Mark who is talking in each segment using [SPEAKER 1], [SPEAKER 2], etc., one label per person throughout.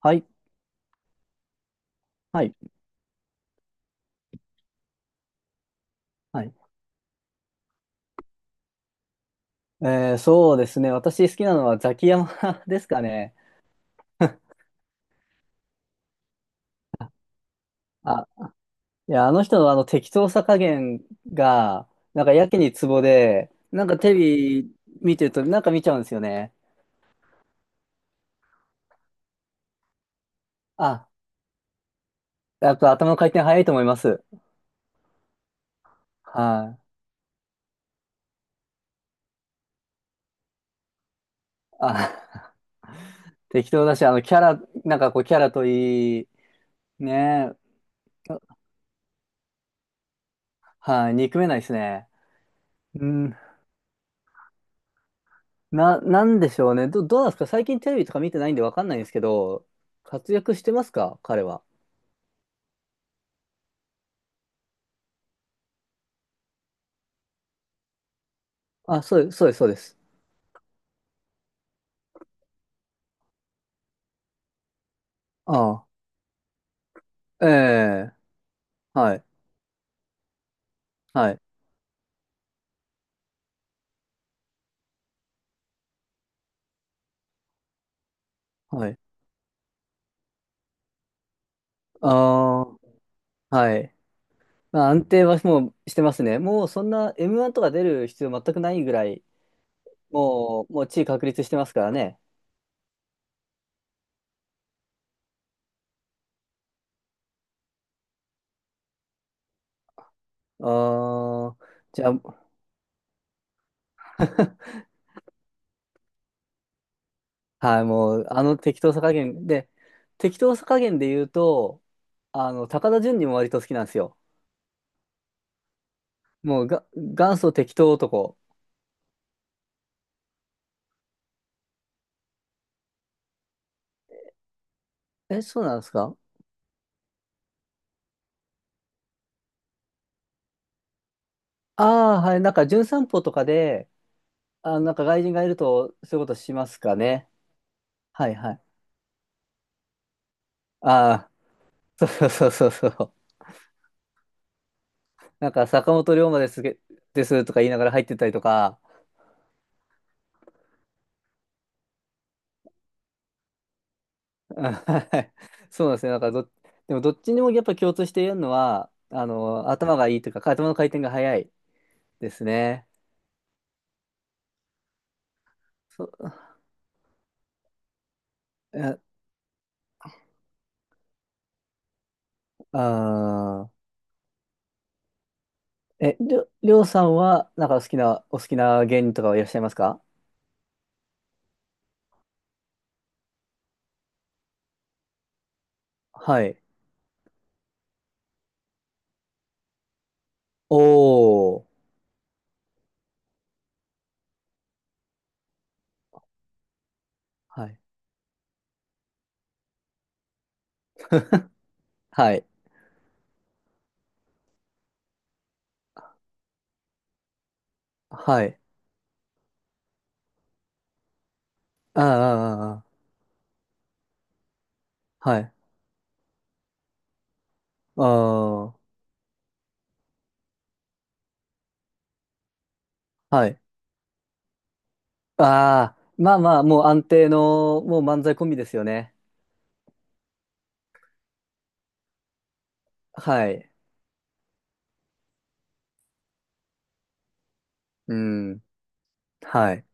[SPEAKER 1] はい。はい。はい。そうですね。私好きなのはザキヤマ ですかね。あ、いや、あの人のあの適当さ加減が、なんかやけにツボで、なんかテレビ見てるとなんか見ちゃうんですよね。あ、やっぱ頭の回転早いと思います。はい。あ、適当だし、あのキャラ、なんかこうキャラといい、ね。はい。憎めないですね。うん。なんでしょうね。どうなんですか？最近テレビとか見てないんでわかんないんですけど、活躍してますか彼は？あ、そうです、そうです、そうです。ああ、ええ、はい、はい、はい。ああ、はい。まあ、安定はもうしてますね。もうそんな M1 とか出る必要全くないぐらい、もう、もう地位確立してますからね。ああ、じゃあ、はい、もう、あの適当さ加減で、適当さ加減で言うと、あの、高田純次も割と好きなんですよ。もうが、元祖適当男。え、そうなんですか？ああ、はい、なんか、純散歩とかで、あ、なんか外人がいると、そういうことしますかね。はいはい。ああ、そうそうそうそうそう。なんか坂本龍馬ですげ、ですとか言いながら入ってったりとか。あ、はい。そうなんですね。なんかど、でもどっちにもやっぱ共通して言えるのは、あの、頭がいいというか、頭の回転が早いですね。そ、え、あー、え、りょ、りょうさんは、なんか好きな、お好きな芸人とかはいらっしゃいますか？はい。おー。はい。はい。はい。ああ、ああ、あーあー。はい。ああ、はい。ああ、まあまあ、もう安定の、もう漫才コンビですよね。はい。うん。はい。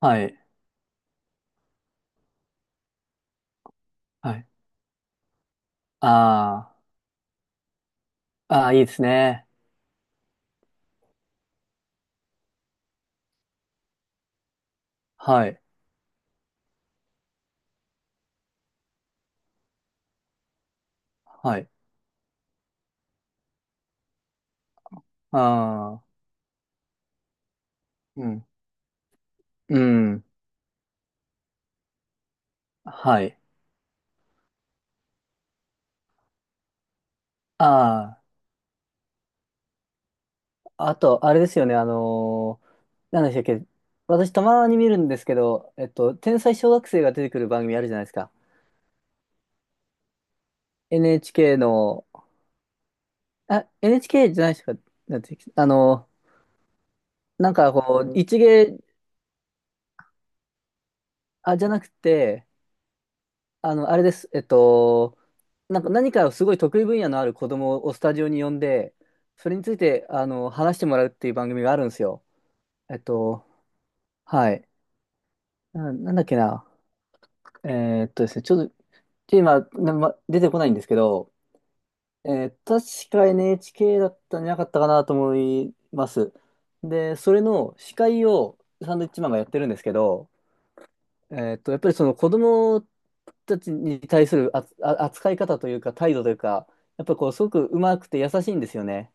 [SPEAKER 1] はい。はい。ああ、ああ、いいですね。はい。はい。ああ、うん。うん。はい。ああ、あと、あれですよね。なんでしたっけ。私、たまに見るんですけど、天才小学生が出てくる番組あるじゃないですか。NHK の、あ、NHK じゃないですか。なんていうっけあの、なんかこう、一芸、あ、じゃなくて、あの、あれです。えっと、なんか何かすごい得意分野のある子供をスタジオに呼んで、それについて、あの、話してもらうっていう番組があるんですよ。えっと、はい。なんだっけな。ですね、ちょっと、今、出てこないんですけど、えー確か NHK だったんじゃなかったかなと思います。で、それの司会をサンドウィッチマンがやってるんですけど、えっと、やっぱりその子供たちに対するあつあ扱い方というか態度というか、やっぱこうすごくうまくて優しいんですよね。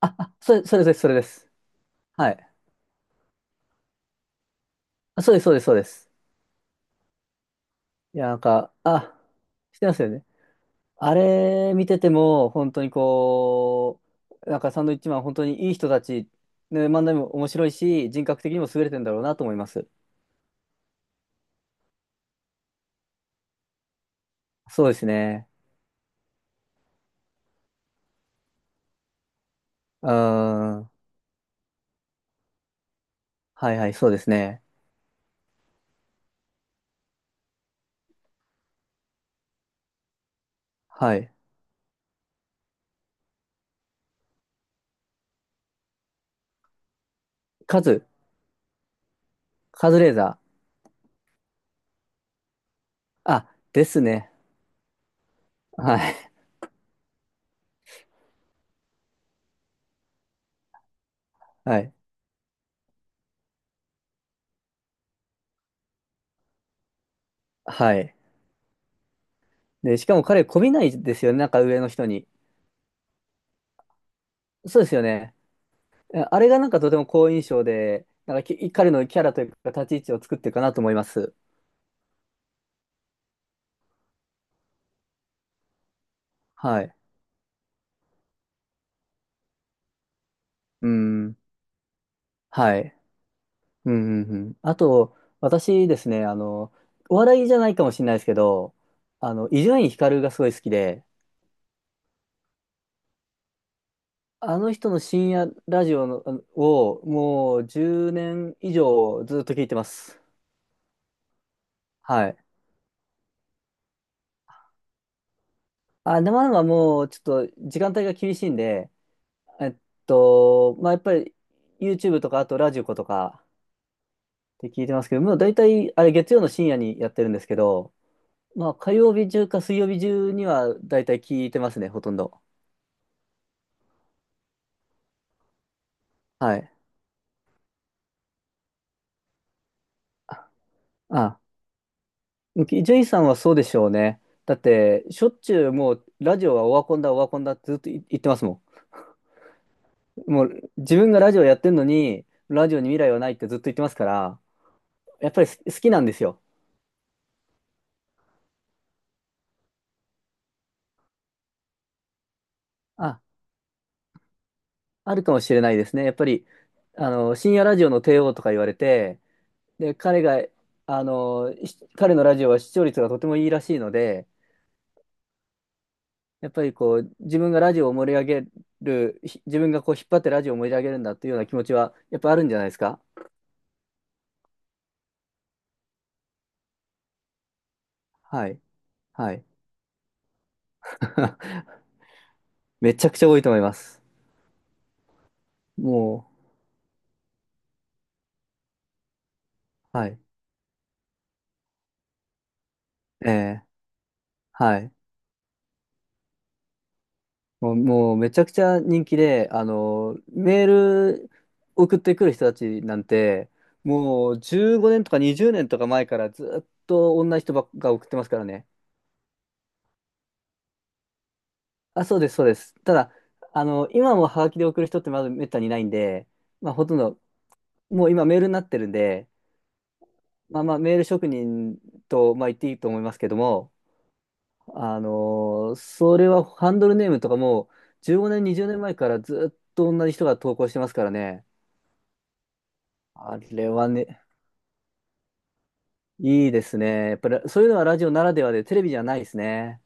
[SPEAKER 1] あ、あ、それ、それです、それです。はい。あ、そうです、そうです、そうです。いや、なんか、あ、してますよね。あれ見てても、本当にこう、なんかサンドウィッチマン、本当にいい人たち、ね、漫才も面白いし、人格的にも優れてんだろうなと思います。そうですね。うーん。はいはい、そうですね。はい。カズ、カズレーザー。あ、ですね。はい。はい。はい。で、しかも彼、媚びないですよね。なんか上の人に。そうですよね。あ、あれがなんかとても好印象で、なんかき彼のキャラというか立ち位置を作ってるかなと思います。はい。うん。はい。うん、うん、うん。あと、私ですね、あの、お笑いじゃないかもしれないですけど、あの、伊集院光がすごい好きで、あの人の深夜ラジオのあのをもう10年以上ずっと聞いてます。はい。あ、生々もうちょっと時間帯が厳しいんで、えっまあ、やっぱり YouTube とかあとラジコとかって聞いてますけど、もう大体あれ月曜の深夜にやってるんですけど、まあ火曜日中か水曜日中には大体聞いてますね、ほとんど。はい。あ、あジェイさんはそうでしょうね。だってしょっちゅうもうラジオはオワコンだオワコンだってずっと言ってますもん。もう自分がラジオやってるのに、ラジオに未来はないってずっと言ってますから、やっぱり好きなんですよ。あ、あるかもしれないですね。やっぱり、あの、深夜ラジオの帝王とか言われて、で、彼が、あの、し彼のラジオは視聴率がとてもいいらしいので、やっぱりこう、自分がラジオを盛り上げる、自分がこう、引っ張ってラジオを盛り上げるんだというような気持ちは、やっぱあるんじゃないですか？はい。はい。めちゃくちゃ多いと思います。もう、はい。ええ、はい。もう、もうめちゃくちゃ人気で、あの、メール送ってくる人たちなんて、もう15年とか20年とか前からずっと同じ人ばっか送ってますからね。あ、そうです、そうです。ただ、あの、今もハガキで送る人ってまずめったにいないんで、まあ、ほとんど、もう今メールになってるんで、まあまあ、メール職人と、まあ、言っていいと思いますけども、あの、それはハンドルネームとかも、15年、20年前からずっと同じ人が投稿してますからね。あれはね、いいですね。やっぱりそういうのはラジオならではで、テレビじゃないですね。